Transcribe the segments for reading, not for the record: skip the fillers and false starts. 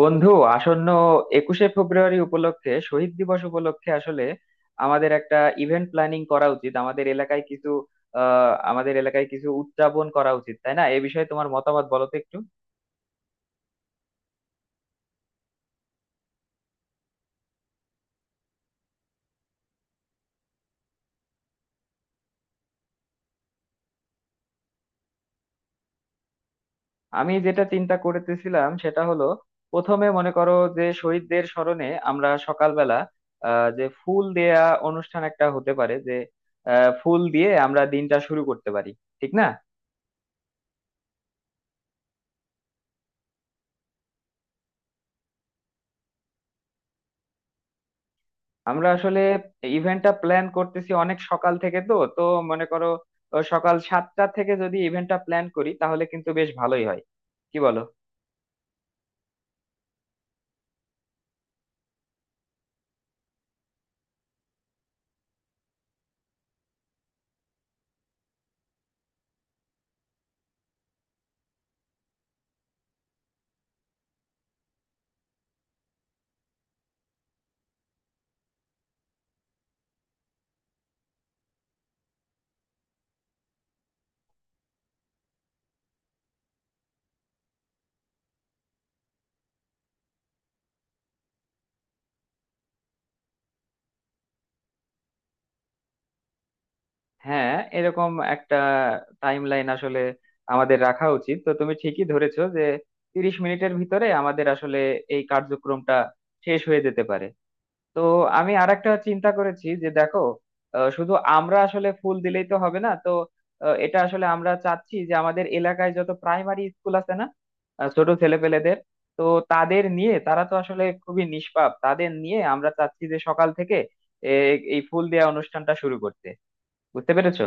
বন্ধু, আসন্ন একুশে ফেব্রুয়ারি উপলক্ষে, শহীদ দিবস উপলক্ষে আসলে আমাদের একটা ইভেন্ট প্ল্যানিং করা উচিত। আমাদের এলাকায় কিছু উদযাপন করা উচিত, তাই না? এ বিষয়ে তোমার মতামত বলো তো একটু। আমি যেটা চিন্তা করতেছিলাম সেটা হলো, প্রথমে মনে করো, যে শহীদদের স্মরণে আমরা সকালবেলা যে ফুল দেয়া অনুষ্ঠান একটা হতে পারে, যে ফুল দিয়ে আমরা দিনটা শুরু করতে পারি, ঠিক না? আমরা আসলে ইভেন্টটা প্ল্যান করতেছি অনেক সকাল থেকে, তো তো মনে করো, সকাল 7টা থেকে যদি ইভেন্টটা প্ল্যান করি তাহলে কিন্তু বেশ ভালোই হয়, কি বলো? হ্যাঁ, এরকম একটা টাইম লাইন আসলে আমাদের রাখা উচিত। তো তুমি ঠিকই ধরেছো যে 30 মিনিটের ভিতরে আমাদের আসলে এই কার্যক্রমটা শেষ হয়ে যেতে পারে। তো আমি আরেকটা চিন্তা করেছি, যে দেখো, শুধু আমরা আসলে ফুল দিলেই তো হবে না, তো এটা আসলে আমরা চাচ্ছি যে আমাদের এলাকায় যত প্রাইমারি স্কুল আছে না, ছোট ছেলেপেলেদের, তো তাদের নিয়ে, তারা তো আসলে খুবই নিষ্পাপ, তাদের নিয়ে আমরা চাচ্ছি যে সকাল থেকে এই ফুল দেওয়া অনুষ্ঠানটা শুরু করতে। বুঝতে পেরেছো?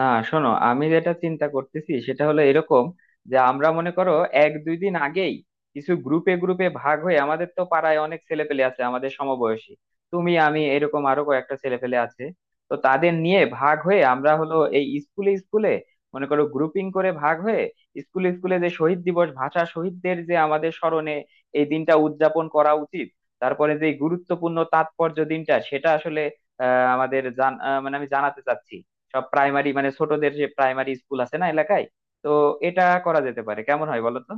না, শোনো, আমি যেটা চিন্তা করতেছি সেটা হলো এরকম, যে আমরা মনে করো এক দুই দিন আগেই কিছু গ্রুপে গ্রুপে ভাগ হয়ে, আমাদের তো পাড়ায় অনেক ছেলেপেলে আছে আমাদের সমবয়সী, তুমি আমি এরকম আরো কয়েকটা ছেলেপেলে আছে, তো তাদের নিয়ে ভাগ হয়ে আমরা হলো এই স্কুলে স্কুলে, মনে করো গ্রুপিং করে ভাগ হয়ে স্কুলে স্কুলে, যে শহীদ দিবস, ভাষা শহীদদের যে আমাদের স্মরণে এই দিনটা উদযাপন করা উচিত, তারপরে যে গুরুত্বপূর্ণ তাৎপর্য দিনটা সেটা আসলে আহ আমাদের জান আহ, মানে আমি জানাতে চাচ্ছি সব প্রাইমারি মানে ছোটদের, যে প্রাইমারি স্কুল আছে না এলাকায়। তো এটা করা যেতে পারে, কেমন হয় বলো তো?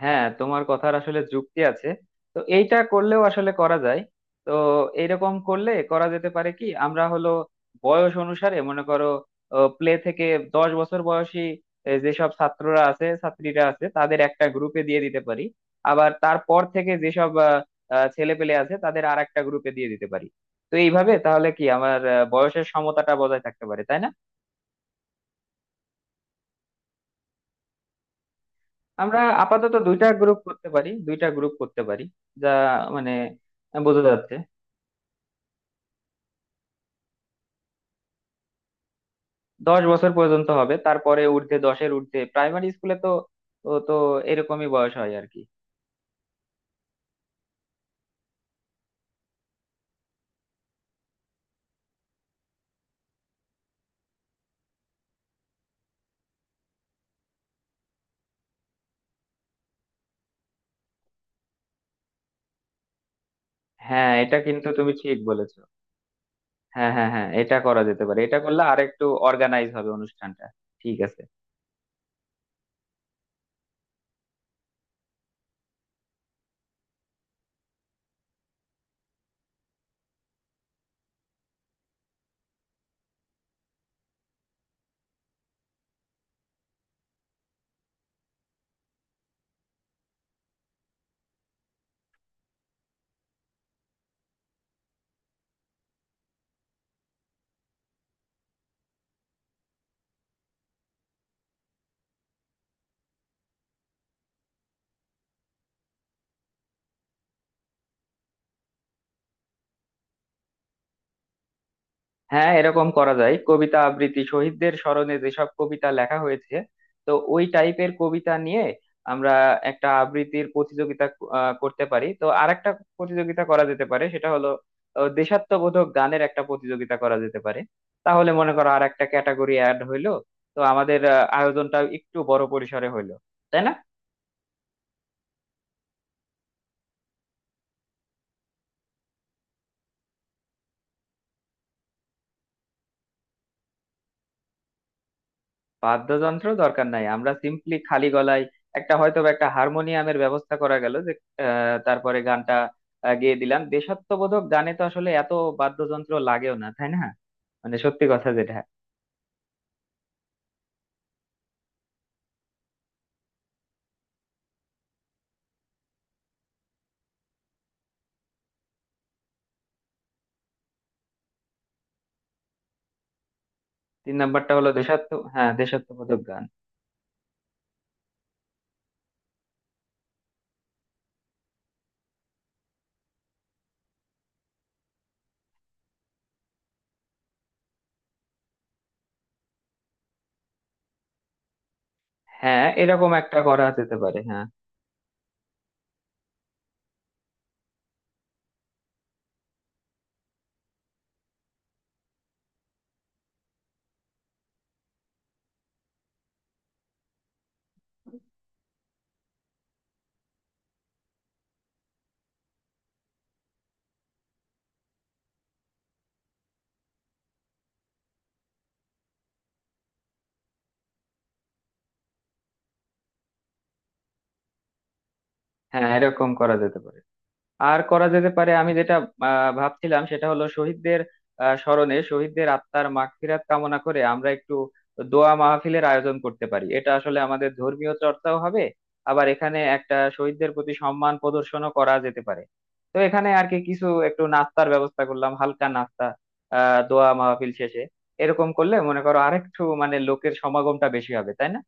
হ্যাঁ, তোমার কথার আসলে যুক্তি আছে। তো এইটা করলেও আসলে করা যায়। তো এইরকম করলে করা যেতে পারে, কি আমরা হলো বয়স অনুসারে মনে করো প্লে থেকে 10 বছর বয়সী যেসব ছাত্ররা আছে ছাত্রীরা আছে তাদের একটা গ্রুপে দিয়ে দিতে পারি, আবার তারপর থেকে যেসব ছেলে পেলে আছে তাদের আর একটা গ্রুপে দিয়ে দিতে পারি। তো এইভাবে তাহলে কি আমার বয়সের সমতাটা বজায় থাকতে পারে, তাই না? আমরা আপাতত দুইটা গ্রুপ করতে পারি। যা মানে, বোঝা যাচ্ছে 10 বছর পর্যন্ত হবে, তারপরে দশের ঊর্ধ্বে প্রাইমারি স্কুলে তো, ও তো এরকমই বয়স হয় আর কি। হ্যাঁ, এটা কিন্তু তুমি ঠিক বলেছো। হ্যাঁ, হ্যাঁ, হ্যাঁ, এটা করা যেতে পারে, এটা করলে আরেকটু অর্গানাইজ হবে অনুষ্ঠানটা। ঠিক আছে। হ্যাঁ, এরকম করা যায়, কবিতা আবৃত্তি, শহীদদের স্মরণে যেসব কবিতা লেখা হয়েছে, তো ওই টাইপের কবিতা নিয়ে আমরা একটা আবৃত্তির প্রতিযোগিতা করতে পারি। তো আরেকটা প্রতিযোগিতা করা যেতে পারে, সেটা হলো দেশাত্মবোধক গানের একটা প্রতিযোগিতা করা যেতে পারে। তাহলে মনে করো আর একটা ক্যাটাগরি অ্যাড হইলো, তো আমাদের আয়োজনটা একটু বড় পরিসরে হইলো, তাই না? বাদ্যযন্ত্র দরকার নাই, আমরা সিম্পলি খালি গলায়, একটা হয়তো বা একটা হারমোনিয়ামের ব্যবস্থা করা গেল, যে তারপরে গানটা গেয়ে দিলাম। দেশাত্মবোধক গানে তো আসলে এত বাদ্যযন্ত্র লাগেও না, তাই না? মানে সত্যি কথা যেটা। তিন নাম্বারটা হলো হ্যাঁ, দেশাত্মবোধক গান। হ্যাঁ, এরকম একটা করা যেতে পারে। হ্যাঁ, হ্যাঁ, এরকম করা যেতে পারে। আর করা যেতে পারে, আমি যেটা ভাবছিলাম সেটা হলো শহীদদের স্মরণে, শহীদদের আত্মার মাগফিরাত কামনা করে আমরা একটু দোয়া মাহফিলের আয়োজন করতে পারি। এটা আসলে আমাদের ধর্মীয় চর্চাও হবে, আবার এখানে একটা শহীদদের প্রতি সম্মান প্রদর্শনও করা যেতে পারে। তো এখানে আর কি কিছু একটু নাস্তার ব্যবস্থা করলাম, হালকা নাস্তা, দোয়া মাহফিল শেষে। এরকম করলে মনে করো আরেকটু মানে লোকের সমাগমটা বেশি হবে, তাই না?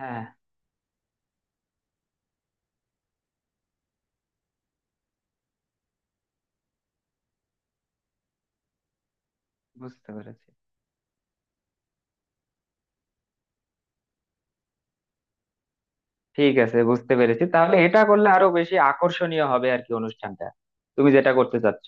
হ্যাঁ, বুঝতে পেরেছি। ঠিক আছে, বুঝতে পেরেছি, তাহলে এটা করলে আরো বেশি আকর্ষণীয় হবে আর কি অনুষ্ঠানটা, তুমি যেটা করতে চাচ্ছ।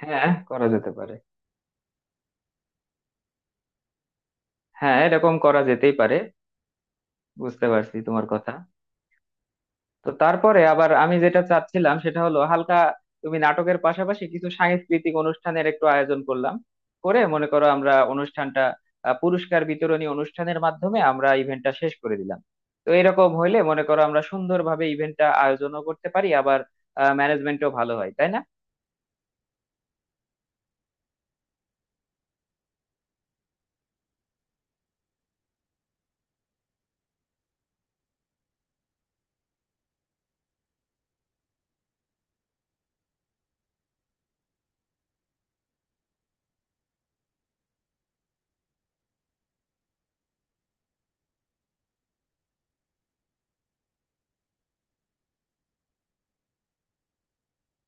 হ্যাঁ, করা যেতে পারে। হ্যাঁ, এরকম করা যেতেই পারে। বুঝতে পারছি তোমার কথা। তো তারপরে আবার আমি যেটা চাচ্ছিলাম সেটা হলো, হালকা তুমি নাটকের পাশাপাশি কিছু সাংস্কৃতিক অনুষ্ঠানের একটু আয়োজন করলাম, করে মনে করো আমরা অনুষ্ঠানটা পুরস্কার বিতরণী অনুষ্ঠানের মাধ্যমে আমরা ইভেন্টটা শেষ করে দিলাম। তো এরকম হইলে মনে করো আমরা সুন্দরভাবে ইভেন্টটা আয়োজনও করতে পারি, আবার ম্যানেজমেন্টও ভালো হয়, তাই না?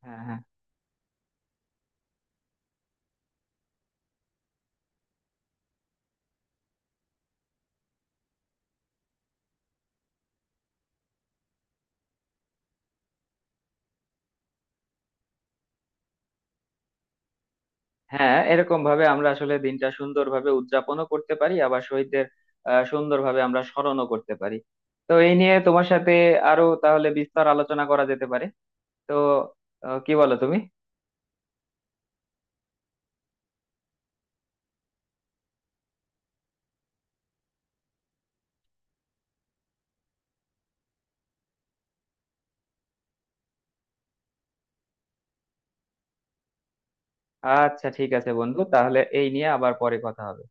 হ্যাঁ, হ্যাঁ, হ্যাঁ, এরকম ভাবে আমরা আসলে দিনটা সুন্দরভাবে উদযাপনও করতে পারি, আবার শহীদদের সুন্দরভাবে আমরা স্মরণও করতে পারি। তো এই নিয়ে তোমার সাথে আরো তাহলে বিস্তার আলোচনা করা যেতে পারে, তো কি বলো তুমি? আচ্ছা ঠিক আছে বন্ধু, তাহলে এই নিয়ে আবার পরে কথা হবে।